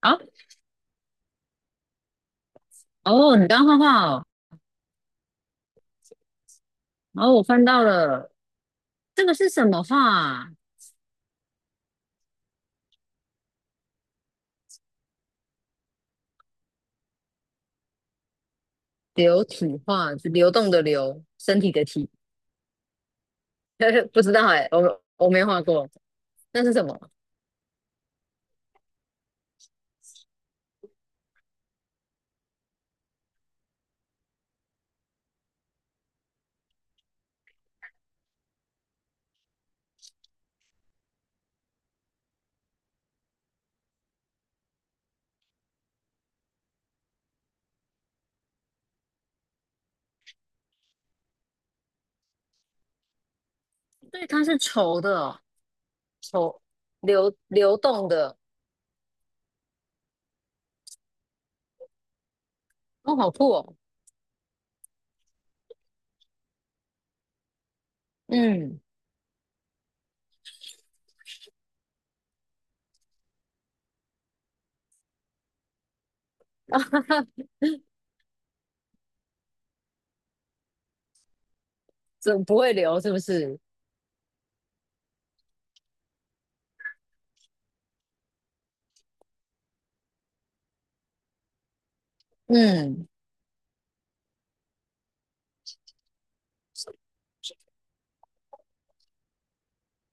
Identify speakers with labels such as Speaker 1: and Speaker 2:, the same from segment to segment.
Speaker 1: 啊，哦，你刚画画哦，然后我翻到了，这个是什么画啊流体画，是流动的流，身体的体，不知道哎，我没画过，那是什么？对，它是稠的哦，稠流流动的，哦，好酷哦，嗯，哈怎么不会流是不是？嗯，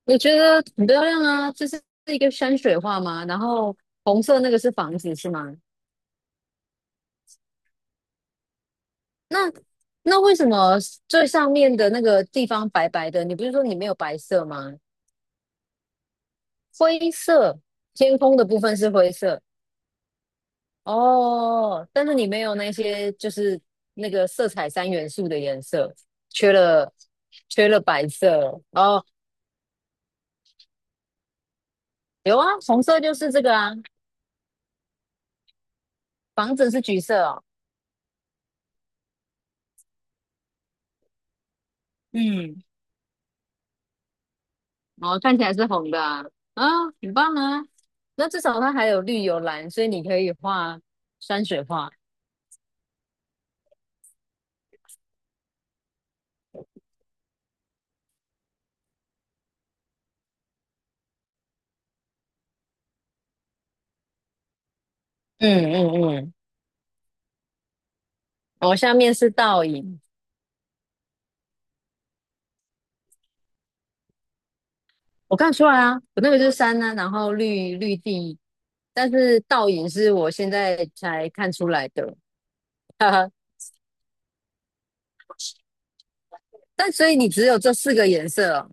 Speaker 1: 我觉得很漂亮啊，这是一个山水画吗？然后红色那个是房子是吗？那那为什么最上面的那个地方白白的？你不是说你没有白色吗？灰色，天空的部分是灰色哦，但是你没有那些就是那个色彩三元素的颜色，缺了缺了白色哦。有啊，红色就是这个啊，房子是橘色哦，嗯，哦，看起来是红的啊，啊，很棒啊。那至少它还有绿有蓝，所以你可以画山水画。嗯嗯嗯。我下面是倒影，我看得出来啊，我那个就是山呢、然后绿绿地，但是倒影是我现在才看出来的，哈哈。但所以你只有这四个颜色哦，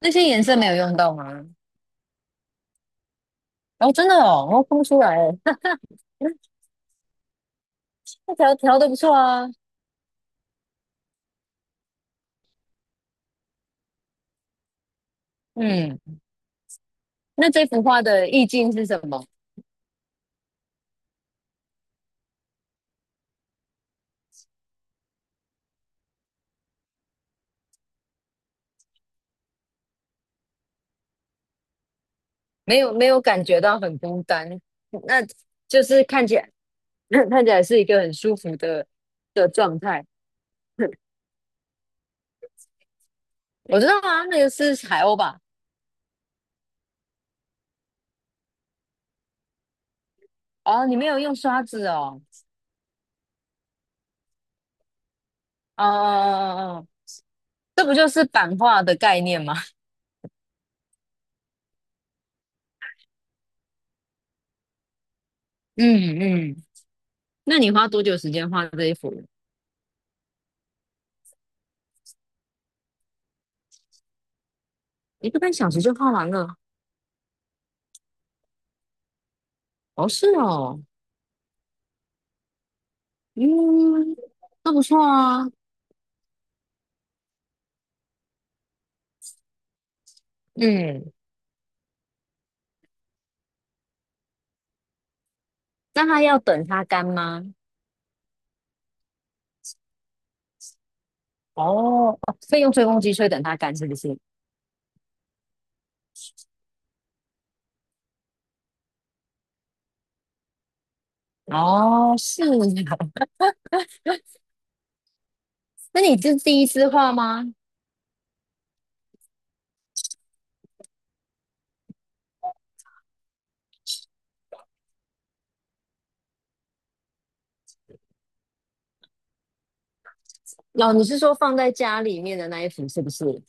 Speaker 1: 那些颜色没有用到吗？哦，真的哦，我看不出来耶，那条调的不错啊。嗯，那这幅画的意境是什么？没有没有感觉到很孤单，那就是看起来 看起来是一个很舒服的的状态。我知道啊，那个是海鸥吧？哦，你没有用刷子哦，哦哦哦哦，这不就是版画的概念吗？嗯嗯，那你花多久时间画这一幅？一个半小时就画完了？哦，是哦，嗯，那不错啊，嗯，那它要等它干吗？哦，哦所以用吹风机吹等它干是不是？哦，是啊，那你是第一次画吗？哦，你是说放在家里面的那一幅是不是？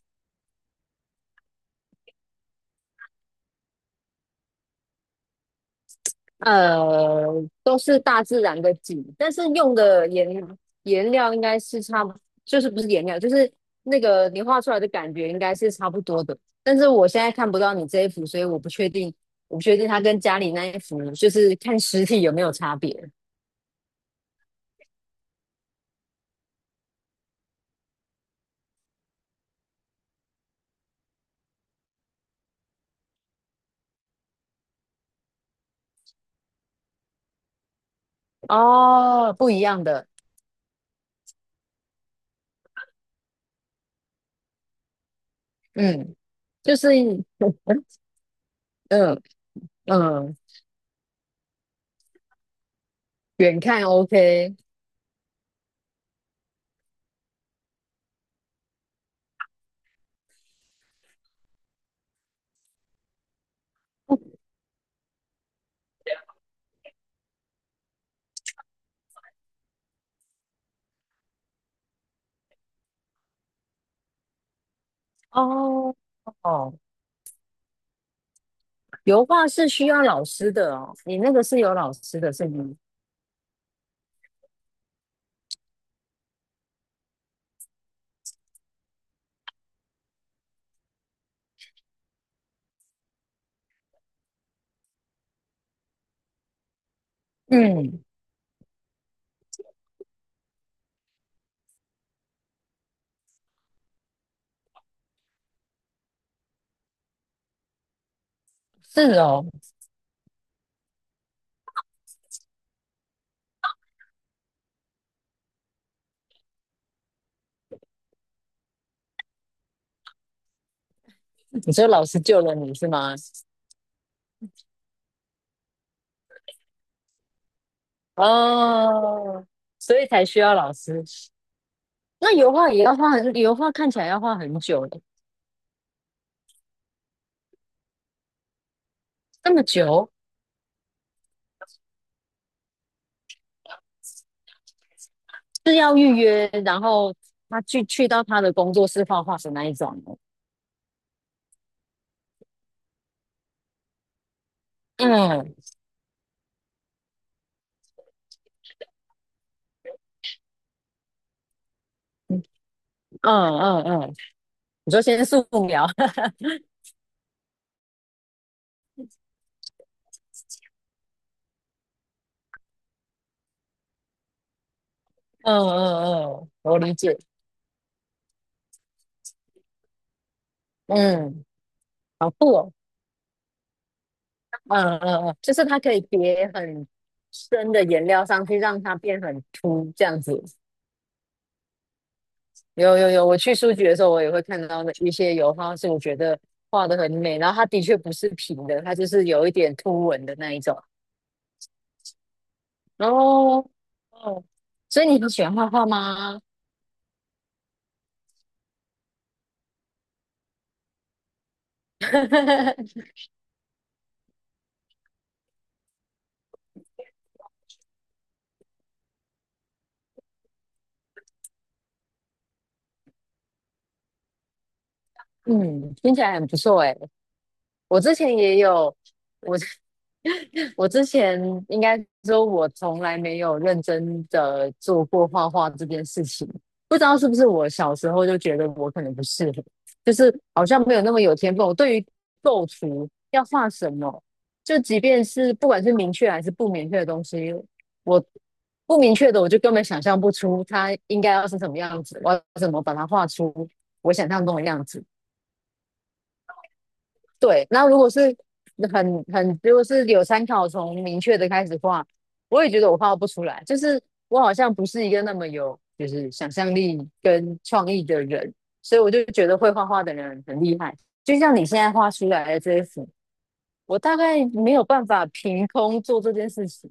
Speaker 1: 呃，都是大自然的景，但是用的颜料应该是差不，就是不是颜料，就是那个你画出来的感觉应该是差不多的。但是我现在看不到你这一幅，所以我不确定，我不确定它跟家里那一幅，就是看实体有没有差别。哦，不一样的，嗯，就是 嗯嗯，远看 OK。哦哦，油画是需要老师的哦，你那个是有老师的，是吗？嗯是哦，你说老师救了你是吗？哦，所以才需要老师。那油画也要画很，油画看起来要画很久的，这么久是要预约，然后他去到他的工作室画画的那一种吗。嗯嗯嗯嗯，你说先素描，嗯嗯嗯，我理解，嗯，好酷哦，嗯嗯嗯，就是它可以叠很深的颜料上去，让它变很凸这样子。有有有，我去书局的时候，我也会看到那一些油画，是我觉得画的很美，然后它的确不是平的，它就是有一点凸纹的那一种。哦哦，所以你很喜欢画画吗？嗯，听起来很不错哎。我之前也有，我。我之前应该说，我从来没有认真的做过画画这件事情。不知道是不是我小时候就觉得我可能不适合，就是好像没有那么有天分。我对于构图要画什么，就即便是不管是明确还是不明确的东西，我不明确的我就根本想象不出它应该要是什么样子，我要怎么把它画出我想象中的样子。对，那如果是很，如果是有参考从明确的开始画，我也觉得我画不出来，就是我好像不是一个那么有就是想象力跟创意的人，所以我就觉得会画画的人很厉害。就像你现在画出来的这一幅，我大概没有办法凭空做这件事情，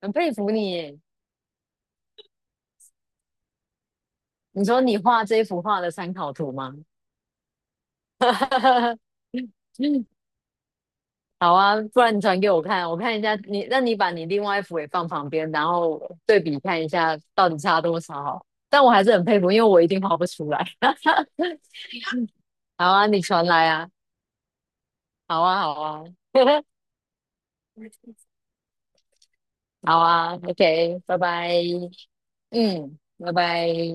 Speaker 1: 很佩服你耶你说你画这一幅画的参考图吗？嗯好啊，不然你传给我看，我看一下你，那你把你另外一幅也放旁边，然后对比看一下到底差多少。但我还是很佩服，因为我一定画不出来。好啊，你传来啊，好啊，好啊，好啊，OK，拜拜，嗯，拜拜。